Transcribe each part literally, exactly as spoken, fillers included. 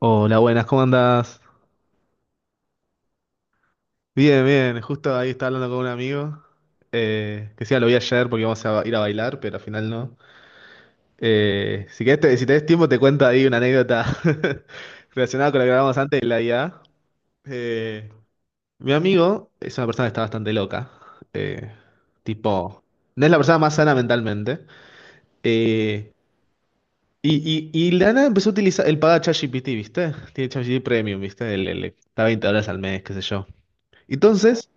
Hola, buenas, ¿cómo andás? Bien, bien, justo ahí estaba hablando con un amigo, eh, que sí, lo vi ayer porque íbamos a ba- ir a bailar, pero al final no. Eh, si querés, te- si tenés tiempo, te cuento ahí una anécdota relacionada con lo que hablábamos antes de la I A. Eh, Mi amigo es una persona que está bastante loca, eh, tipo, no es la persona más sana mentalmente. eh, y, y, y la nada empezó a utilizar, él paga ChatGPT, ¿viste? Tiene ChatGPT Premium, ¿viste? El, el- está veinte pesos al mes, qué sé yo. Entonces,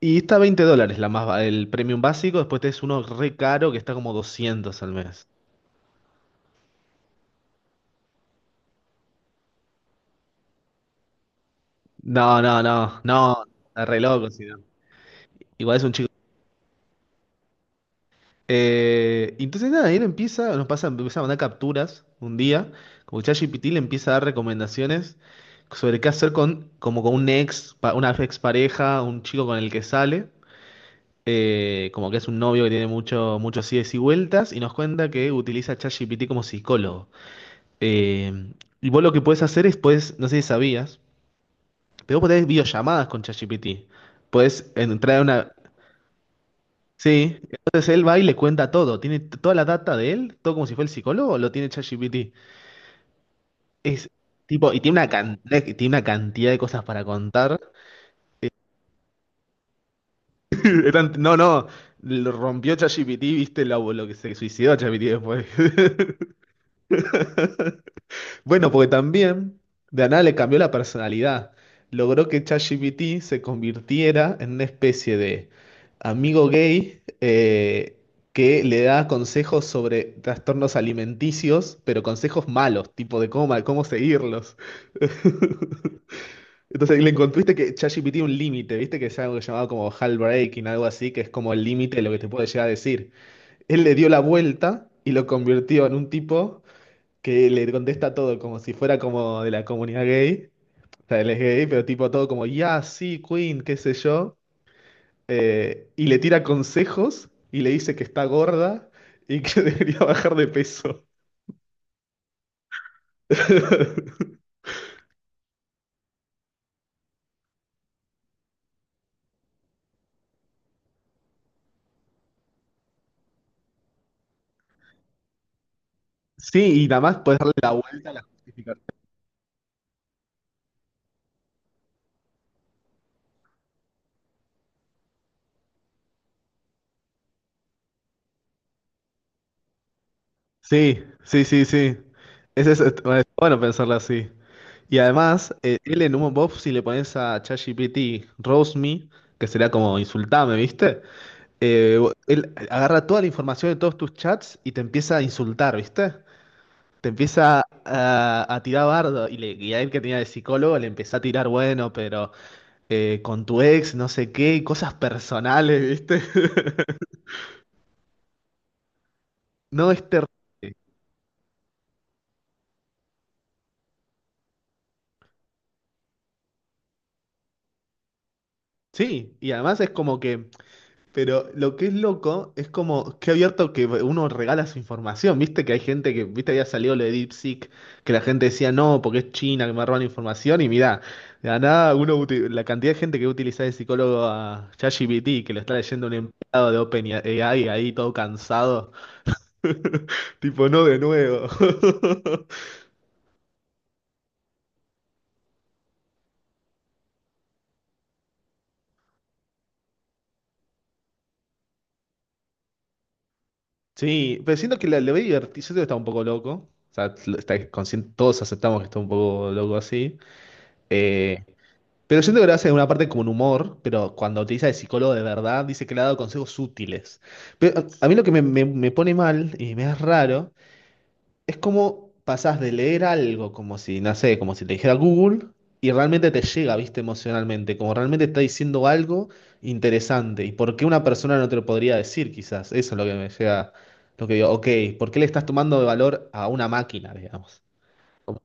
y está veinte dólares la más, ba- el premium básico, después tenés uno re caro que está como doscientos al mes. No, no, no, no, está re loco, si no. Igual es un chico. Eh, entonces nada, él empieza, nos pasa, empieza a mandar capturas un día, como ChatGPT le empieza a dar recomendaciones sobre qué hacer con, como con un ex, pa- una ex pareja, un chico con el que sale, eh, como que es un novio que tiene mucho, muchos ides y vueltas, y nos cuenta que utiliza ChatGPT como psicólogo. Eh, y vos lo que puedes hacer es, puedes, no sé si sabías, pero vos podés hacer videollamadas con ChatGPT. Puedes entrar a una... Sí, entonces él va y le cuenta todo. Tiene t- toda la data de él, todo como si fuera el psicólogo, lo tiene ChatGPT. Es tipo, y tiene una cantidad, tiene una cantidad de cosas para contar. Eran- No, no, lo rompió ChatGPT, viste lo, lo que se suicidó ChatGPT después. Bueno, porque también de la nada le cambió la personalidad. Logró que ChatGPT se convirtiera en una especie de amigo gay, eh, que le da consejos sobre trastornos alimenticios, pero consejos malos, tipo de cómo, cómo seguirlos. Entonces le encontraste que ChatGPT un límite, viste que es algo que llamaba como breaking, algo así, que es como el límite de lo que te puede llegar a decir. Él le dio la vuelta y lo convirtió en un tipo que le contesta todo como si fuera como de la comunidad gay. O sea, él es gay, pero tipo todo como, ya, sí, Queen, qué sé yo. Eh, y le tira consejos y le dice que está gorda y que debería bajar de peso. Sí, y nada más puedes darle la vuelta a la justificación. Sí, sí, sí, sí. Ese es, est- bueno, es bueno pensarlo así. Y además, eh, él en un box si le pones a ChatGPT, roast me, que sería como insultame, ¿viste? eh, Él agarra toda la información de todos tus chats y te empieza a insultar, ¿viste? Te empieza a, a tirar bardo y, le, y a él que tenía de psicólogo le empezó a tirar, bueno, pero eh, con tu ex, no sé qué, y cosas personales, ¿viste? No es terrible. Sí, y además es como que pero lo que es loco es como que abierto que uno regala su información. Viste que hay gente que, viste, había salido lo de DeepSeek, que la gente decía no, porque es China que me roban información. Y mirá, de la nada, uno, uti- la cantidad de gente que utiliza de psicólogo a ChatGPT, que lo está leyendo un empleado de OpenAI ahí todo cansado. Tipo, no de nuevo. Sí, pero siento que la- lo veo divertido. Siento que está un poco loco. O sea, lo- está consciente, todos aceptamos que está un poco loco así. eh, Pero siento que lo hace de una parte como un humor, pero cuando utiliza de psicólogo de verdad, dice que le ha dado consejos útiles. Pero a a mí lo que me, me- me pone mal y me es raro es cómo pasás de leer algo como si, no sé, como si te dijera Google y realmente te llega, viste, emocionalmente, como realmente está diciendo algo interesante y por qué una persona no te lo podría decir, quizás. Eso es lo que me llega, lo que digo, ok, ¿por qué le estás tomando de valor a una máquina, digamos? Como-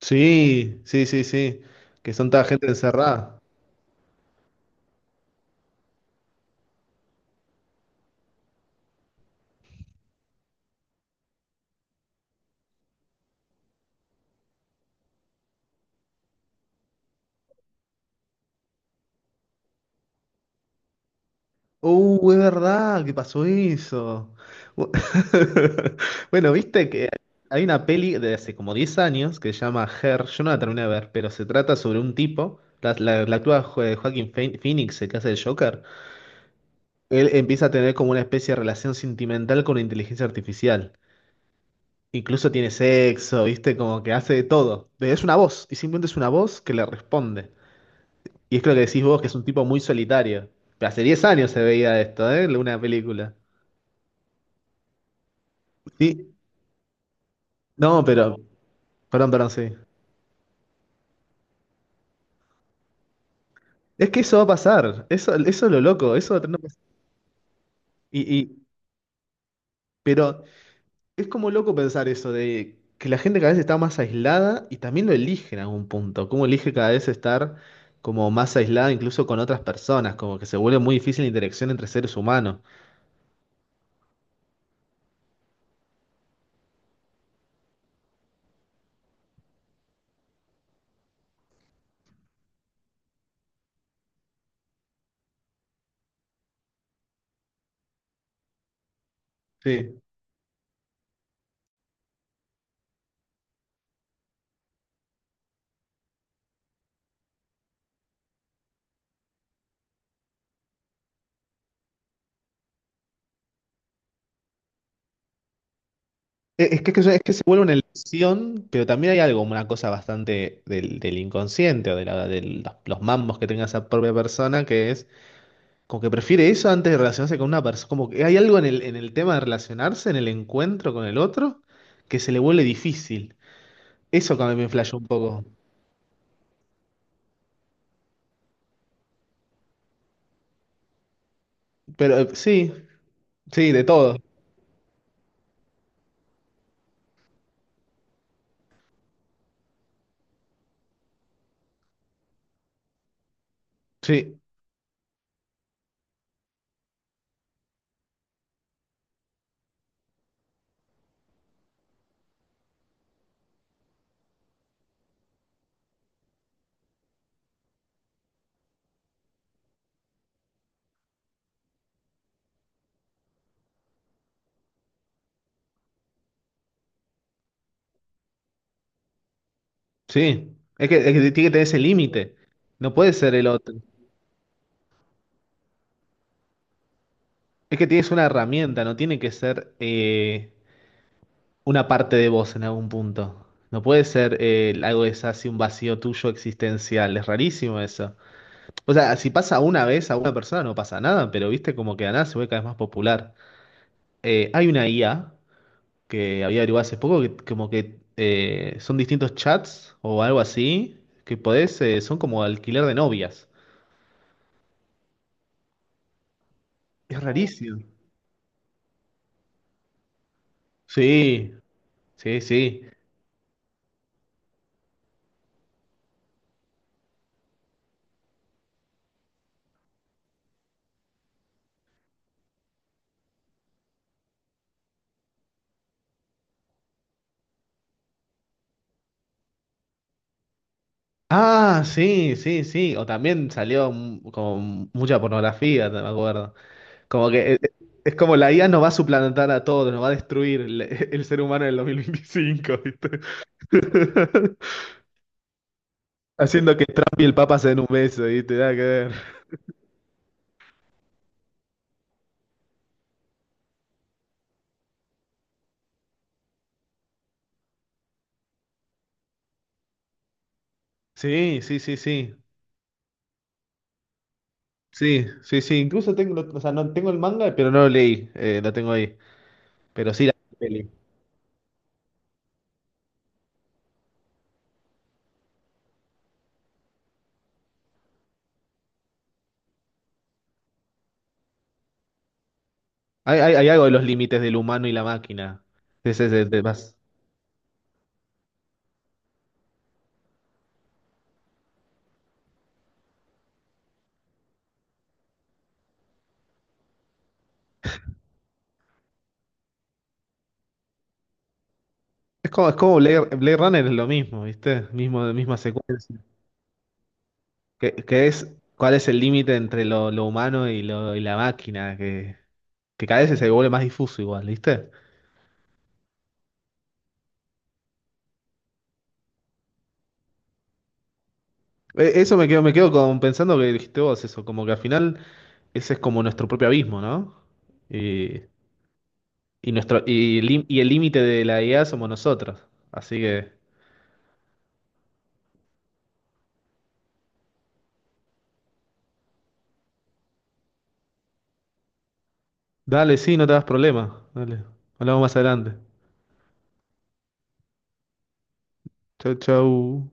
sí, sí, sí, sí, que son toda gente encerrada. Uh, es verdad que pasó eso. Bu- bueno, viste que hay una peli de hace como diez años que se llama Her. Yo no la terminé de ver, pero se trata sobre un tipo. La, la, la actúa Jo- Joaquin Phe- Phoenix, el que hace el Joker. Él empieza a tener como una especie de relación sentimental con la inteligencia artificial. Incluso tiene sexo, viste, como que hace de todo. Pero es una voz, y simplemente es una voz que le responde. Y es que lo que decís vos, que es un tipo muy solitario. Pero hace diez años se veía esto, ¿eh? Una película. Sí, no, pero, perdón, perdón, sí. Es que eso va a pasar, eso, eso es lo loco, eso va a tener- Y, y, pero es como loco pensar eso, de que la gente cada vez está más aislada y también lo elige en algún punto, como elige cada vez estar como más aislada incluso con otras personas, como que se vuelve muy difícil la interacción entre seres humanos. Sí. Es es que, es que se vuelve una elección, pero también hay algo, una cosa bastante del, del inconsciente o de, la- de los, los mambos que tenga esa propia persona, que es como que prefiere eso antes de relacionarse con una persona. Como que hay algo en el, en el tema de relacionarse, en el encuentro con el otro, que se le vuelve difícil. Eso también me flasheó un poco. Pero eh, sí, sí, de todo. Sí, sí. Es que, es que tiene que tener ese límite. No puede ser el otro. Es que tienes una herramienta, no tiene que ser, eh, una parte de vos en algún punto. No puede ser, eh, algo que es así, un vacío tuyo existencial. Es rarísimo eso. O sea, si pasa una vez a una persona no pasa nada, pero viste como que de la nada se vuelve cada vez más popular. Eh, hay una I A que había averiguado hace poco que como que, eh, son distintos chats o algo así que podés, eh, son como alquiler de novias. Es oh, rarísimo. Sí, sí, sí. Ah, sí, sí, sí. O también salió mm, como mucha pornografía, te me acuerdo. Como que eh, es, como la I A nos va a suplantar a todos, nos va a destruir el, el ser humano en el dos mil veinticinco, ¿viste? Haciendo que Trump y el Papa se den un beso y te da que ver. Sí, sí, sí, sí. Sí, sí, sí. Incluso tengo, o sea, no tengo el manga, pero no lo leí. Eh, lo tengo ahí. Pero sí la peli. Hay, hay, hay algo de los límites del humano y la máquina. Es, es, es, es más- es como, es como Blade, Blade Runner es lo mismo, ¿viste? Mismo, misma secuencia. Que, que es cuál es el límite entre lo, lo humano y, lo, y la máquina, que, que cada vez se vuelve más difuso igual, ¿viste? Eh, Eso me quedo, me quedo con, pensando que dijiste vos eso, como que al final ese es como nuestro propio abismo, ¿no? Y, y nuestro, y, el lim- y el límite de la I A somos nosotros. Así que, dale, sí, no te das problema. Dale, hablamos más adelante. Chau, chau.